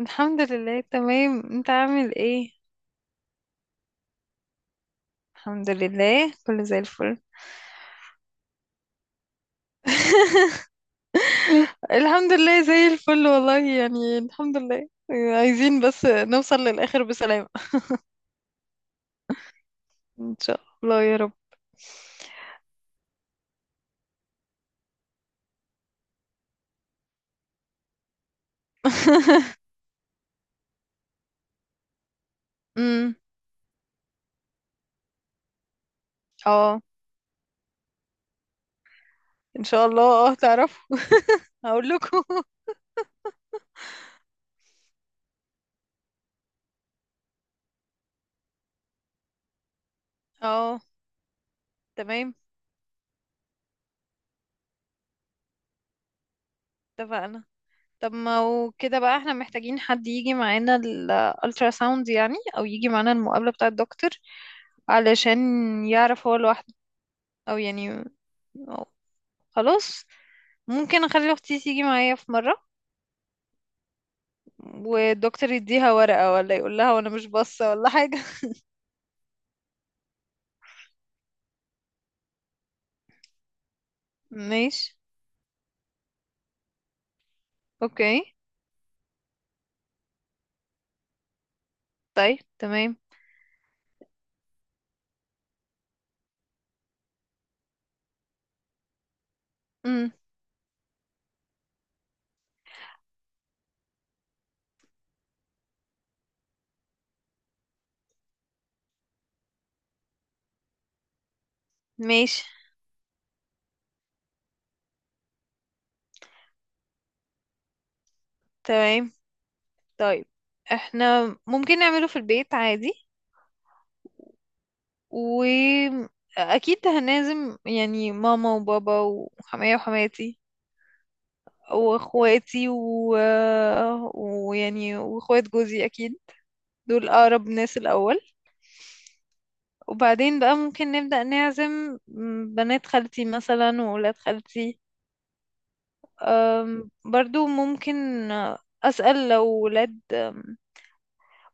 الحمد لله، تمام. انت عامل ايه؟ الحمد لله، كله زي الفل. الحمد لله زي الفل والله، يعني الحمد لله. عايزين بس نوصل للآخر بسلام. ان شاء الله يا رب. امم. اه، ان شاء الله تعرفوا. هقول لكم. اه، تمام، اتفقنا. طب ما هو كده بقى احنا محتاجين حد يجي معانا الالترا ساوند، يعني او يجي معانا المقابلة بتاع الدكتور علشان يعرف هو لوحده، او يعني، أو خلاص، ممكن اخلي اختي تيجي معايا في مرة والدكتور يديها ورقة ولا يقول لها وانا مش باصة ولا حاجة. ماشي. اوكي. طيب، تمام. امم. ماشي، تمام. طيب، احنا ممكن نعمله في البيت عادي. واكيد هنعزم يعني ماما وبابا وحماية وحماتي واخواتي ويعني واخوات جوزي اكيد. دول اقرب ناس الاول. وبعدين بقى ممكن نبدأ نعزم بنات خالتي مثلا وولاد خالتي. برضو ممكن. أسأل لو ولاد آم،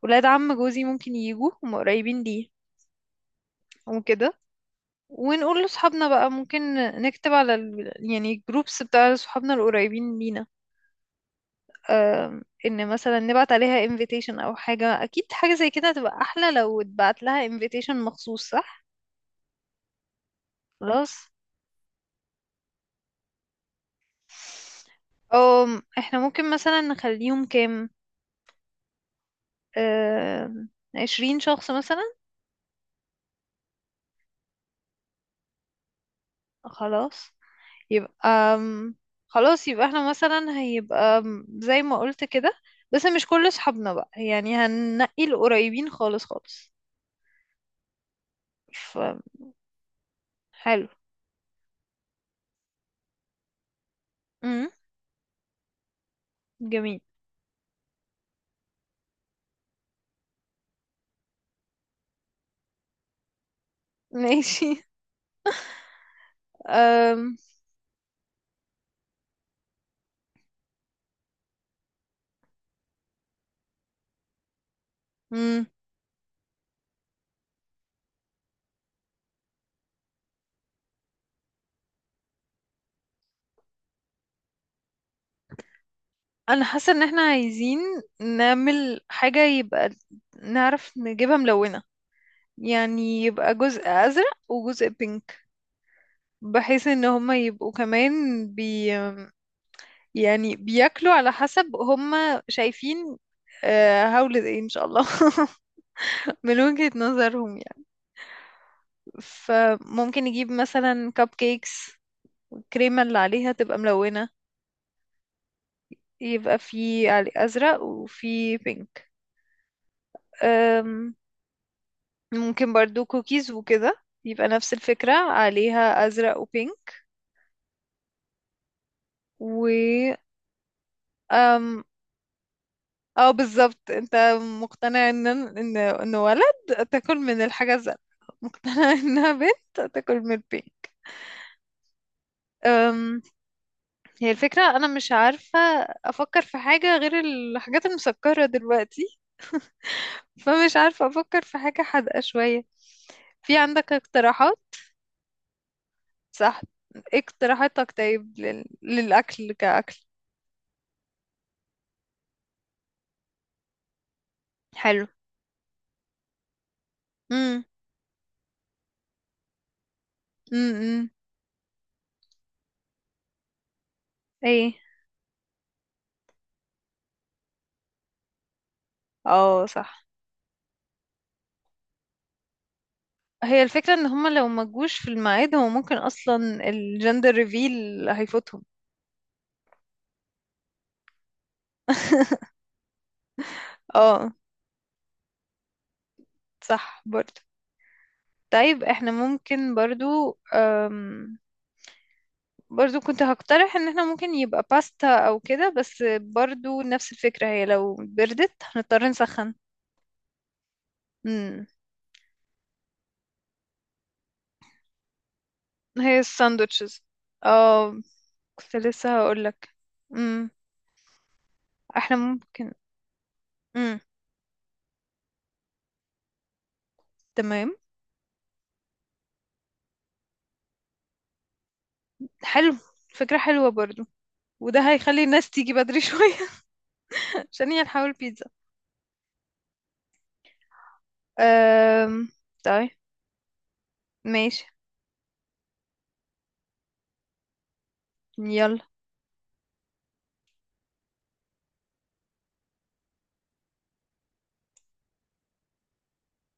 ولاد عم جوزي ممكن يجوا، هم قريبين ليه. وكده. ونقول لصحابنا بقى ممكن نكتب على يعني الجروبس بتاع صحابنا القريبين لينا. ان مثلا نبعت عليها invitation او حاجة، اكيد حاجة زي كده هتبقى احلى لو اتبعت لها invitation مخصوص، صح؟ خلاص. احنا ممكن مثلا نخليهم كام، آم، 20 شخص مثلا. خلاص. يبقى آم، خلاص، يبقى احنا مثلا هيبقى زي ما قلت كده. بس مش كل صحابنا بقى، يعني هننقي القريبين خالص خالص. فحلو. امم. جميل. ماشي. امم. انا حاسه ان احنا عايزين نعمل حاجه، يبقى نعرف نجيبها ملونه، يعني يبقى جزء ازرق وجزء بينك، بحيث ان هما يبقوا كمان يعني بياكلوا على حسب هم شايفين، هولد ايه ان شاء الله. من وجهة نظرهم يعني. فممكن نجيب مثلا كب كيكس، الكريمة اللي عليها تبقى ملونة، يبقى في علي أزرق وفي بينك. أم، ممكن برضو كوكيز وكده يبقى نفس الفكرة، عليها أزرق وبينك. و اه، بالظبط، انت مقتنع ان ولد تاكل من الحاجة الزرقاء، مقتنع انها بنت تاكل من البين. أم، هي الفكرة انا مش عارفة افكر في حاجة غير الحاجات المسكرة دلوقتي، فمش عارفة افكر في حاجة حادقة شوية. في عندك اقتراحات؟ صح. إيه اقتراحاتك طيب للاكل كاكل؟ حلو. امم. امم. ايه؟ اه، صح. هي الفكرة ان هما لو ما جوش في الميعاد، هو ممكن اصلا الجندر ريفيل هيفوتهم. اه، صح برضو. طيب احنا ممكن برضو برضو كنت هقترح ان احنا ممكن يبقى باستا او كده، بس برضو نفس الفكرة، هي لو بردت هنضطر نسخن. امم. هي الساندوتشز. اه، كنت لسه هقولك. امم. احنا ممكن. امم. تمام. حلو. فكرة حلوة برضو. وده هيخلي الناس تيجي بدري شوية. ثانية نحاول بيتزا. أم... طيب. ماشي. يلا.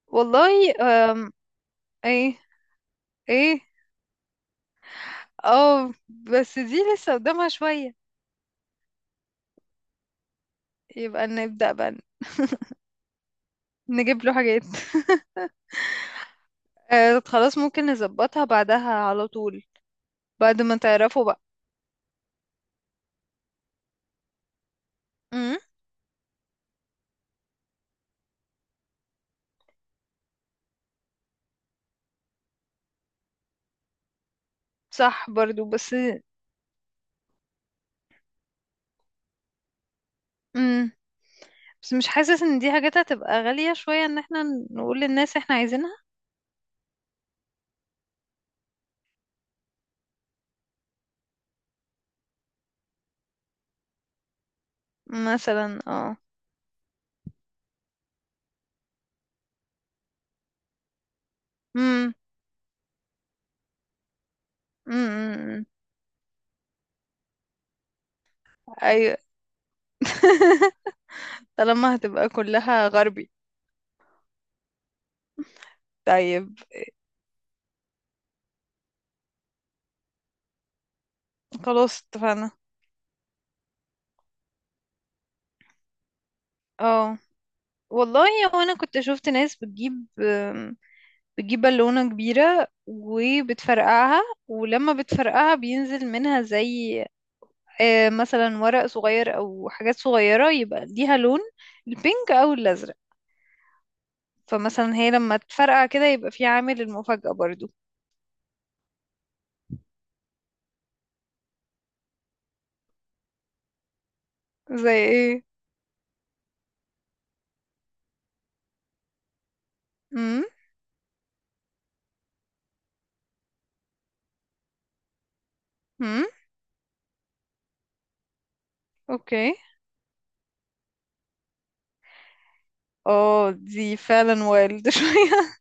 والله. أم... ايه؟ ايه؟ اه، بس دي لسه قدامها شوية. يبقى نبدأ بقى. نجيب له حاجات. أه، خلاص، ممكن نظبطها بعدها على طول، بعد ما تعرفوا بقى. امم. صح برضو بس. امم. بس مش حاسس ان دي حاجات هتبقى غالية شوية، ان احنا نقول للناس احنا عايزينها. مثلا، اه. امم. امم. أمم. ايوه. طالما هتبقى كلها غربي. طيب. خلاص اتفقنا. اه، والله، هو انا كنت شفت ناس بتجيب بالونة كبيرة وبتفرقعها، ولما بتفرقعها بينزل منها زي مثلا ورق صغير او حاجات صغيرة يبقى ليها لون، البينك او الازرق. فمثلا هي لما تفرقع كده يبقى في عامل المفاجأة برضو. زي ايه؟ امم. امم. اوكي. اه، دي فعلا وايلد شوية.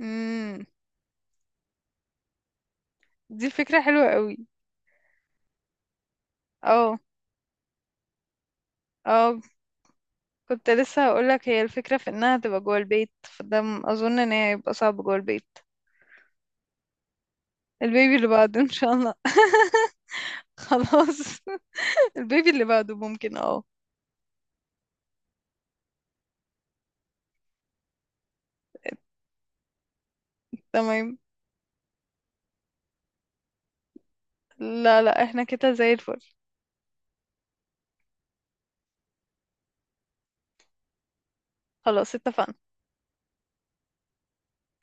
امم. دي فكرة حلوة قوي. اه، اه، كنت لسه هقولك. هي الفكرة في انها تبقى جوه البيت، فده اظن ان هي هيبقى صعب جوه البيت. البيبي اللي بعده ان شاء الله. خلاص. البيبي اللي بعده ممكن اه. تمام. لا، لا، احنا كده زي الفل. خلاص اتفقنا.